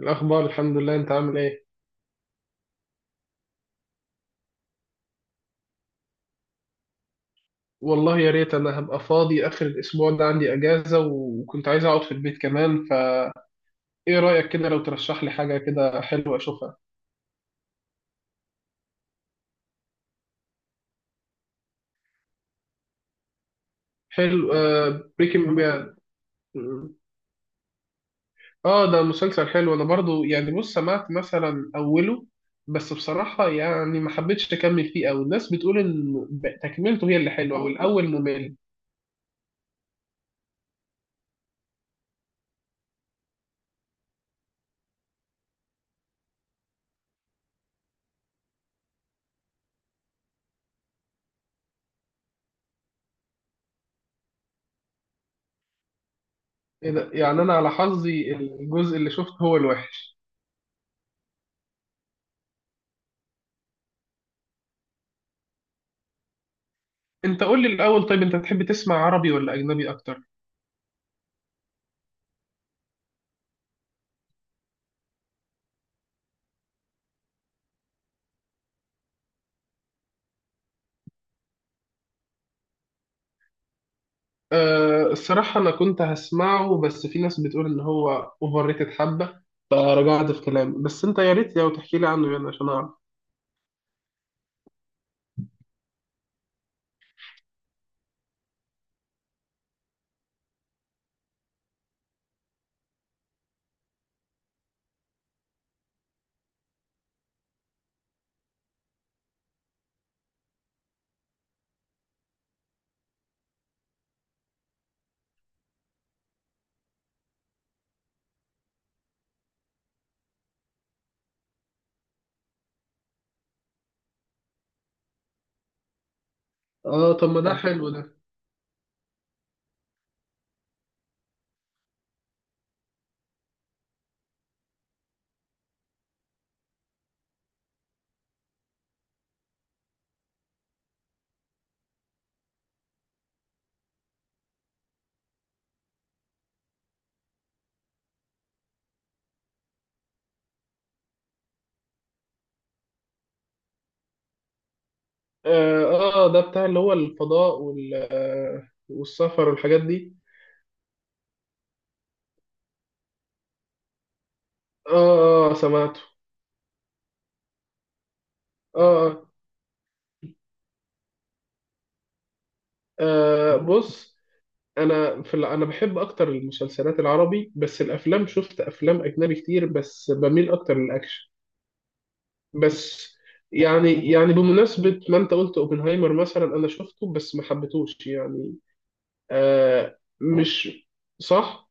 الأخبار الحمد لله، أنت عامل إيه؟ والله يا ريت أنا هبقى فاضي آخر الأسبوع ده، عندي أجازة وكنت عايز أقعد في البيت كمان، فإيه رأيك كده لو ترشح لي حاجة كده حلوة أشوفها؟ حلو، آه بريكنج باد. آه، آه، ده مسلسل حلو. أنا برضو يعني، بص، سمعت مثلا أوله بس بصراحة يعني ما حبيتش أكمل فيه أوي، الناس بتقول إن تكملته هي اللي حلوة والأول ممل. إيه ده؟ يعني أنا على حظي الجزء اللي شفته هو الوحش. أنت قول لي الأول، طيب أنت تحب تسمع عربي ولا أجنبي أكتر؟ أه، الصراحة أنا كنت هسمعه بس في ناس بتقول إن هو أوفر ريتد حبة، فرجعت في كلامي، بس أنت يا ريت لو تحكي لي عنه يعني عشان أعرف. آه طب، ما ده طب حلو ده. آه، آه ده بتاع اللي هو الفضاء والسفر والحاجات دي. آه، آه سمعته. آه. آه، آه، بص، أنا بحب أكتر المسلسلات العربي، بس الأفلام شفت أفلام أجنبي كتير بس بميل أكتر للأكشن. بس يعني بمناسبة ما انت قلت اوبنهايمر مثلا انا شفته بس ما حبيتهوش يعني. آه، مش صح،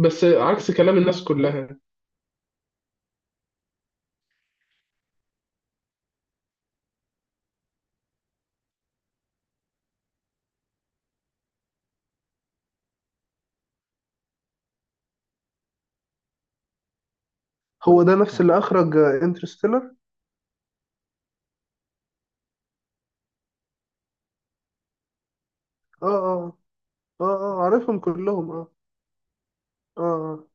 بس عكس كلام الناس كلها. هو ده نفس اللي اخرج انترستيلر. اه، اه، اه، اه عارفهم كلهم، اه. اه، آه.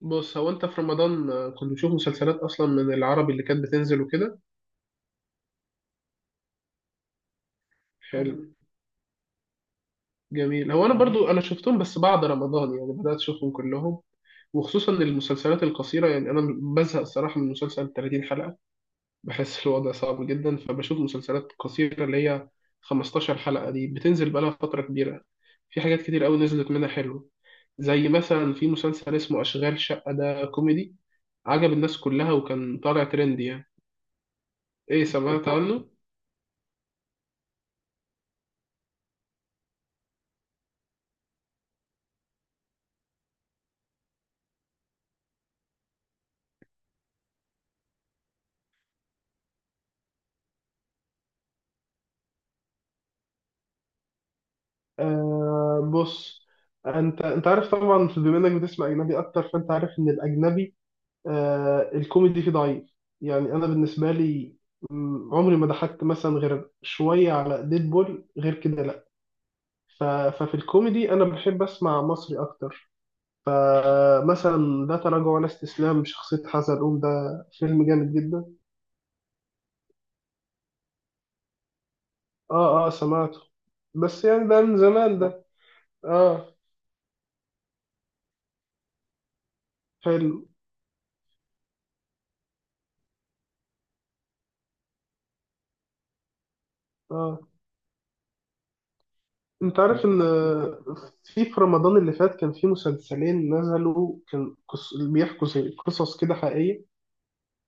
بص، هو انت في رمضان كنت بتشوف مسلسلات اصلا من العربي اللي كانت بتنزل وكده؟ حلو، جميل. هو انا برضو انا شفتهم بس بعد رمضان، يعني بدات اشوفهم كلهم وخصوصا المسلسلات القصيره. يعني انا بزهق الصراحه من مسلسل 30 حلقه، بحس الوضع صعب جدا، فبشوف مسلسلات قصيره اللي هي 15 حلقه، دي بتنزل بقالها فتره كبيره. في حاجات كتير قوي نزلت منها حلوه، زي مثلا في مسلسل اسمه اشغال شقه، ده كوميدي عجب الناس كلها وكان طالع ترند يعني. ايه، سمعت عنه؟ آه بص، انت عارف طبعا بما انك بتسمع اجنبي اكتر، فانت عارف ان الاجنبي، الكوميدي فيه ضعيف. يعني انا بالنسبه لي، عمري ما ضحكت مثلا غير شويه على ديدبول، غير كده لا. ففي الكوميدي انا بحب اسمع مصري اكتر. فمثلا ده تراجع ولا استسلام، بشخصيه حسن قوم، ده فيلم جامد جدا. اه، اه سمعته، بس يعني ده من زمان ده. اه. حلو. اه انت عارف ان في رمضان اللي فات كان في مسلسلين نزلوا، كان بيحكوا زي قصص كده حقيقيه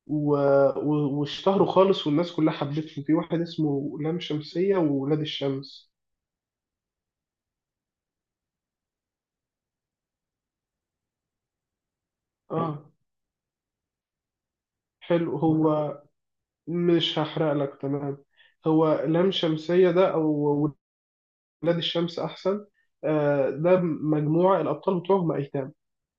و... و... واشتهروا خالص والناس كلها حبته، في واحد اسمه لام شمسية وولاد الشمس. اه. حلو، هو مش هحرق لك، تمام. هو لام شمسية ده أو ولاد الشمس أحسن؟ آه، ده مجموعة الأبطال بتوعهم أيتام،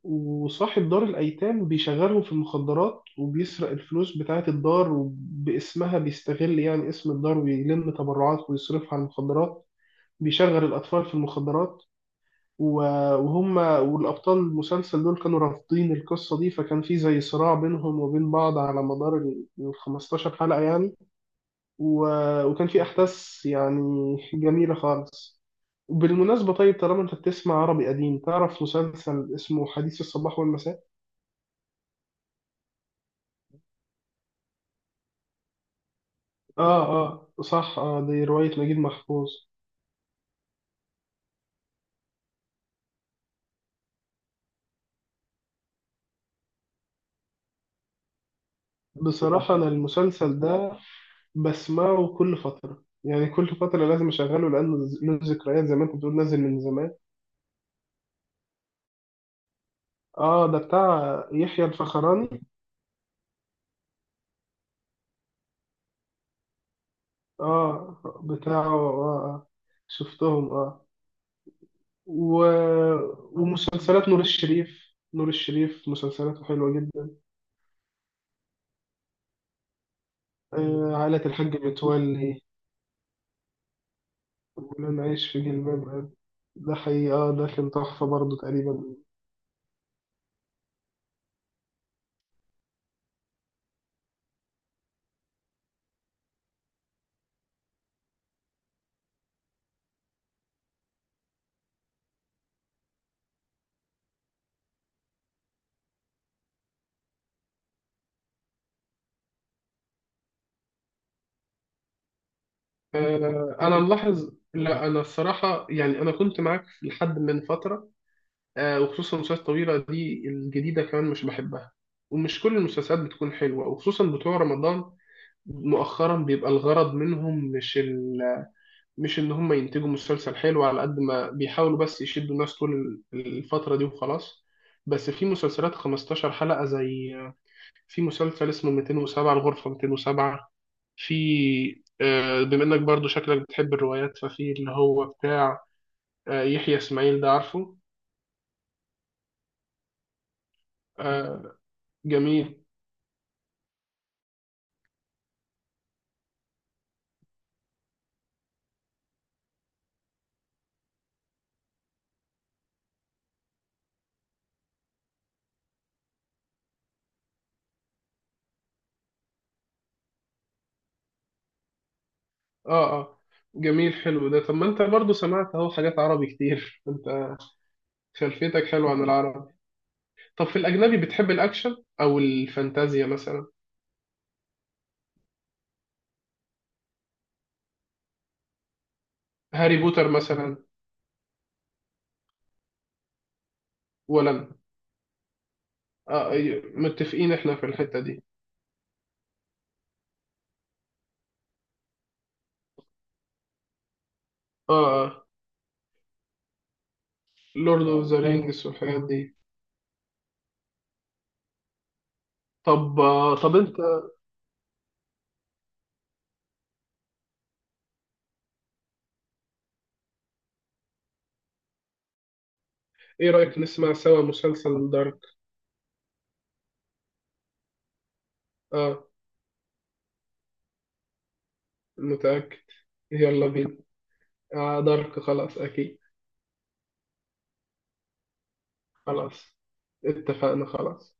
وصاحب دار الأيتام بيشغلهم في المخدرات وبيسرق الفلوس بتاعة الدار، وباسمها بيستغل يعني اسم الدار ويلم تبرعات ويصرفها على المخدرات، بيشغل الأطفال في المخدرات. وهم والأبطال المسلسل دول كانوا رافضين القصة دي، فكان في زي صراع بينهم وبين بعض على مدار ال 15 حلقة يعني. وكان في أحداث يعني جميلة خالص. بالمناسبة طيب، طالما أنت بتسمع عربي قديم، تعرف مسلسل اسمه حديث الصباح والمساء؟ آه، آه صح، آه دي رواية نجيب محفوظ. بصراحة أنا المسلسل ده بسمعه كل فترة، يعني كل فترة لازم أشغله لأنه له ذكريات، زي ما أنت بتقول نازل من زمان. اه، ده بتاع يحيى الفخراني. اه بتاعه. آه، اه، شفتهم، اه. و... ومسلسلات نور الشريف، نور الشريف مسلسلاته حلوة جدا. آه عائلة الحاج متولي. ولن أعيش في جلباب أبي، ده حقيقي اه، ده كان تحفة برضه تقريبا. آه أنا ملاحظ، لا أنا الصراحة يعني أنا كنت معاك لحد من فترة، آه، وخصوصا المسلسلات الطويلة دي الجديدة كمان مش بحبها. ومش كل المسلسلات بتكون حلوة وخصوصا بتوع رمضان مؤخرا، بيبقى الغرض منهم مش ان هم ينتجوا مسلسل حلو على قد ما بيحاولوا، بس يشدوا الناس طول الفترة دي وخلاص. بس في مسلسلات 15 حلقة، زي في مسلسل اسمه 207، الغرفة 207. في آه، بما انك برضو شكلك بتحب الروايات، ففي اللي هو بتاع يحيى اسماعيل، ده عارفه؟ آه، جميل. اه، اه جميل. حلو ده، طب ما انت برضو سمعت اهو حاجات عربي كتير انت خلفيتك حلوة عن العرب. طب في الأجنبي بتحب الأكشن أو الفانتازيا مثلا؟ هاري بوتر مثلا. ولا أنا؟ آه، متفقين إحنا في الحتة دي. آه لورد أوف ذا رينجز والحاجات دي. طب آه طب أنت، إيه رأيك نسمع سوا مسلسل دارك؟ آه، متأكد. يلا بينا. آه دارك، خلاص أكيد. خلاص اتفقنا، خلاص.